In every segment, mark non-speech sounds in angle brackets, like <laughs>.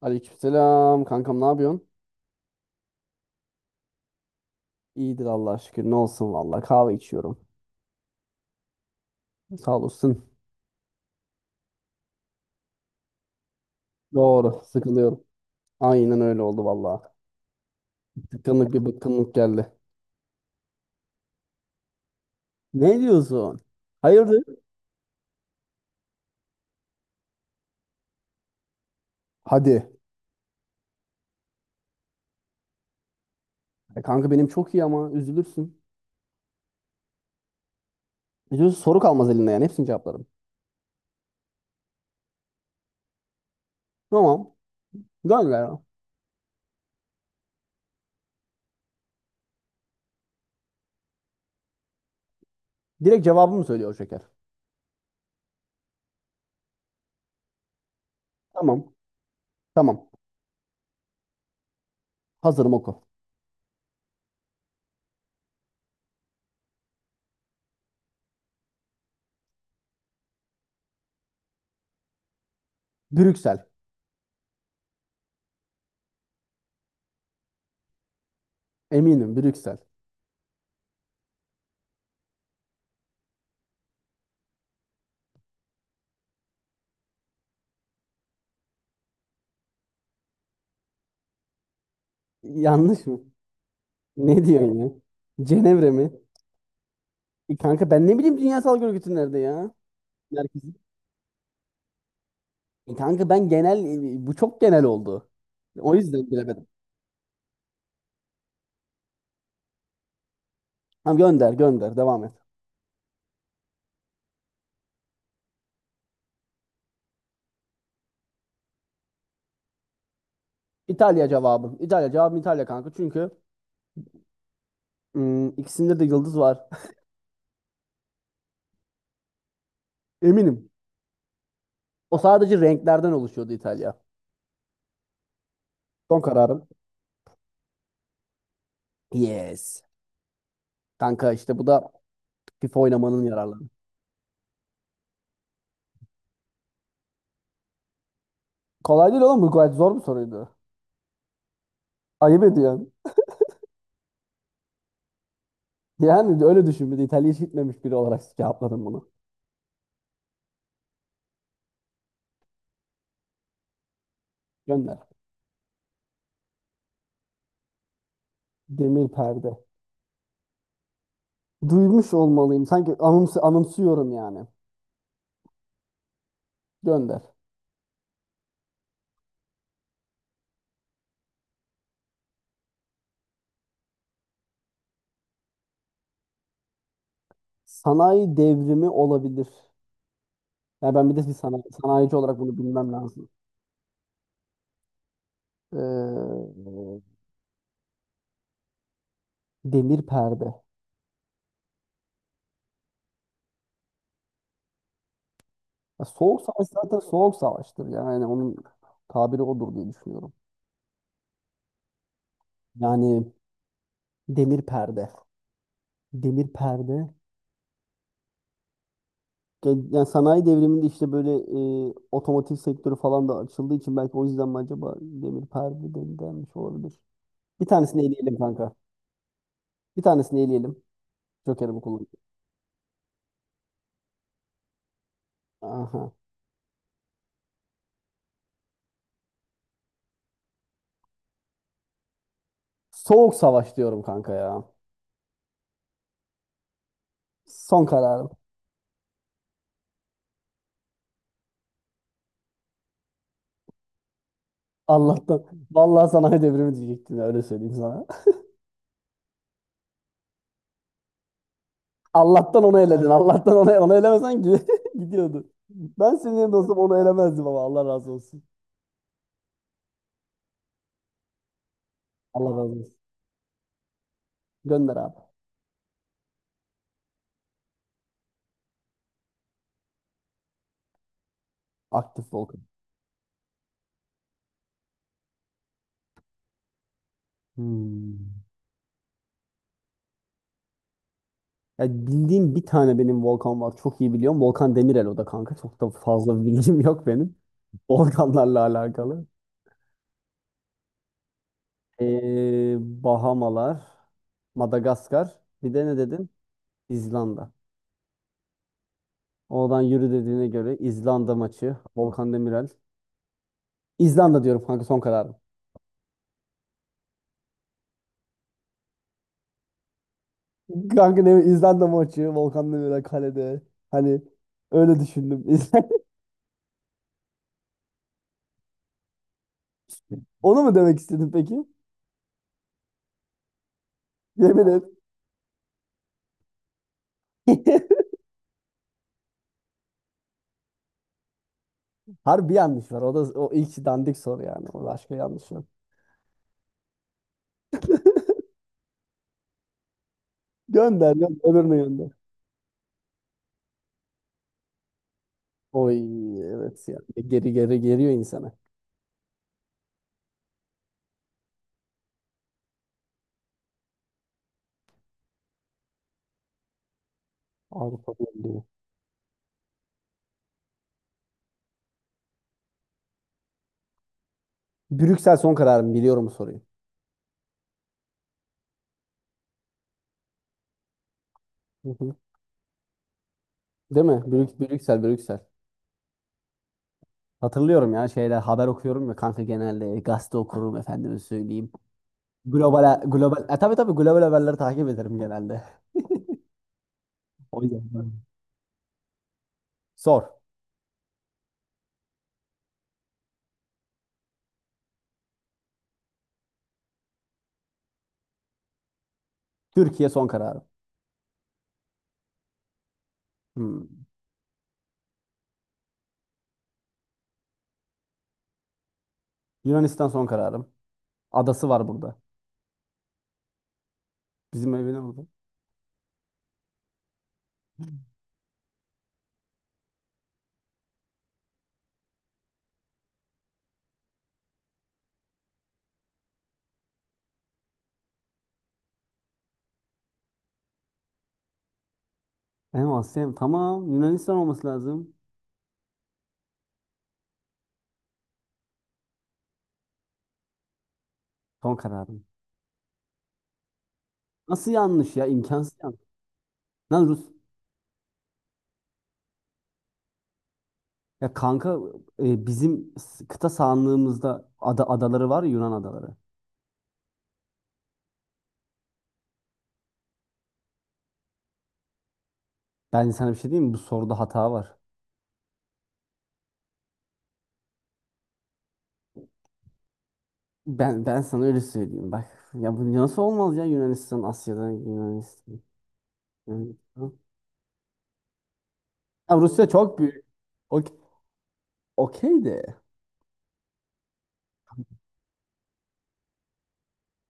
Aleykümselam kankam, ne yapıyorsun? İyidir, Allah'a şükür, ne olsun, valla kahve içiyorum. Sağ olasın. Doğru, sıkılıyorum. Aynen öyle oldu valla. Tıkınlık bir bıkkınlık geldi. Ne diyorsun? Hayırdır? Hadi. Kanka benim çok iyi ama üzülürsün. Üzülürsün, soru kalmaz elinde, yani hepsini cevaplarım. Tamam. Gönder ya. Direkt cevabımı söylüyor şeker. Tamam. Tamam. Hazırım, oku. Brüksel. Eminim, Brüksel. Yanlış mı? Ne diyorsun ya? Cenevre mi? Kanka, ben ne bileyim Dünya Sağlık Örgütü nerede ya? Merkezi. Kanka, ben genel, bu çok genel oldu. O yüzden bilemedim. Tamam, gönder gönder, devam et. İtalya cevabım. İtalya cevabım, İtalya kanka, çünkü ikisinde de yıldız var. <laughs> Eminim. O sadece renklerden oluşuyordu, İtalya. Son kararım. Yes. Kanka işte bu da FIFA oynamanın yararları. Kolay değil oğlum, bu gayet zor bir soruydu. Ayıp ediyorsun. Yani öyle düşün, bir de İtalya'ya hiç gitmemiş biri olarak cevapladım bunu. Gönder. Demir perde. Duymuş olmalıyım. Sanki anımsıyorum yani. Gönder. Sanayi devrimi olabilir. Yani ben bir de bir sanayici olarak bunu bilmem lazım. Ee, Demir perde. Ya soğuk savaş zaten soğuk savaştır. Yani onun tabiri odur diye düşünüyorum. Yani demir perde. Demir perde. Yani sanayi devriminde işte böyle otomotiv sektörü falan da açıldığı için, belki o yüzden mi acaba demir perde denmiş olabilir. Bir tanesini eleyelim kanka. Bir tanesini eleyelim. Joker'imi kullandım. Aha. Soğuk savaş diyorum kanka ya. Son kararım. Allah'tan. Vallahi sanayi devrimi diyecektim ya, öyle söyleyeyim sana. <laughs> Allah'tan onu eledin. Allah'tan onu, onu elemesen <laughs> gidiyordu. Ben senin yerinde olsam onu elemezdim, ama Allah razı olsun. Allah razı olsun. Gönder abi. Aktif volkan. Hmm. Ya bildiğim bir tane benim volkan var. Çok iyi biliyorum. Volkan Demirel, o da kanka. Çok da fazla <laughs> bilgim yok benim. Volkanlarla alakalı. Bahamalar, Madagaskar, bir de ne dedin? İzlanda. Oradan yürü dediğine göre, İzlanda maçı, Volkan Demirel. İzlanda diyorum kanka, son kararım. Kanka, ne İzlanda maçı, Volkan Demirel kalede. Hani öyle düşündüm. <laughs> Onu mu demek istedin peki? Yemin et. <laughs> Harbi yanlış var. O da o ilk dandik soru yani. O, başka yanlış var. Gönder, gönder. Öbürüne gönder. Oy, evet ya. Geri geri geliyor insana. Avrupa Birliği. Brüksel, son kararım, biliyorum bu soruyu. Hı hı. Değil mi? Brüksel, Brüksel. Hatırlıyorum ya, şeyler haber okuyorum ya kanka, genelde gazete okurum efendime söyleyeyim. Global, tabii tabii, global haberleri takip ederim genelde. <laughs> O yüzden. Sor. Türkiye, son kararım. Hmm. Yunanistan, son kararım. Adası var burada. Bizim evine burada. Tamam, Yunanistan olması lazım. Son kararım. Nasıl yanlış ya? İmkansız yanlış. Lan Rus. Ya kanka, bizim kıta sahanlığımızda adaları var ya, Yunan adaları. Ben sana bir şey diyeyim mi? Bu soruda hata var. Ben sana öyle söyleyeyim bak. Ya bu nasıl olmaz ya, Yunanistan Asya'da, Yunanistan. Yunanistan. Ya Rusya çok büyük. Okey, okey de.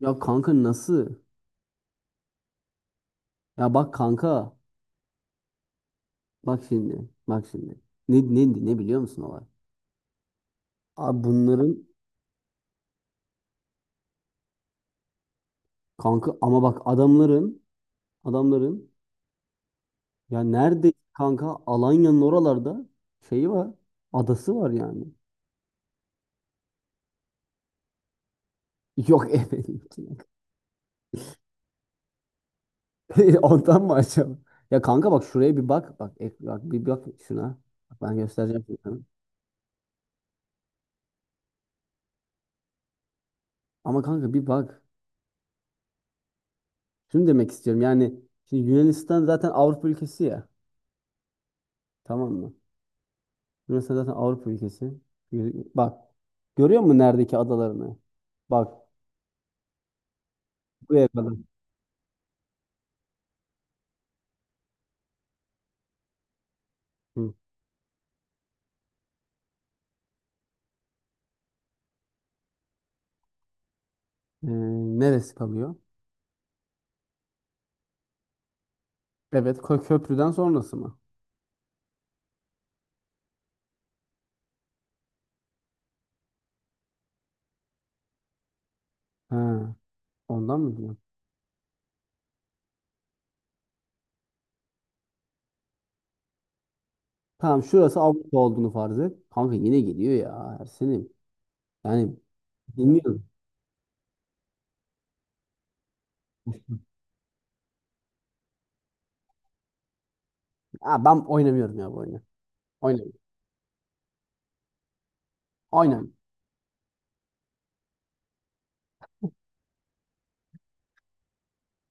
Ya kanka, nasıl? Ya bak kanka. Bak şimdi. Bak şimdi. Ne biliyor musun olay? Abi bunların, kanka, ama bak adamların. Ya nerede kanka? Alanya'nın oralarda şeyi var. Adası var yani. Yok efendim. <laughs> Ondan mı acaba? Ya kanka, bak şuraya bir bak. Bak, bak, bir bak şuna. Bak, ben göstereceğim şimdi sana. Ama kanka bir bak. Şunu demek istiyorum. Yani şimdi Yunanistan zaten Avrupa ülkesi ya. Tamam mı? Yunanistan zaten Avrupa ülkesi. Bak. Görüyor musun neredeki adalarını? Bak. Buraya kadar. Hı. Ee, neresi kalıyor? Evet. Köprüden sonrası mı? Ha. Ondan mı diyor? Tamam, şurası Avrupa olduğunu farz et. Kanka yine geliyor ya Ersin'im. Yani bilmiyorum. Ha, ben oynamıyorum ya bu oyunu. Oynamıyorum. Oynamıyorum.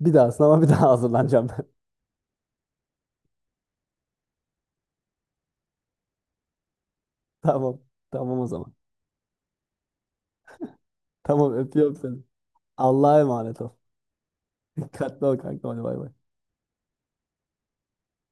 Bir daha hazırlanacağım ben. <laughs> Tamam. Tamam o zaman. Tamam, öpüyorum seni. Allah'a emanet ol. <laughs> Dikkatli ol kanka. Hadi bay bay.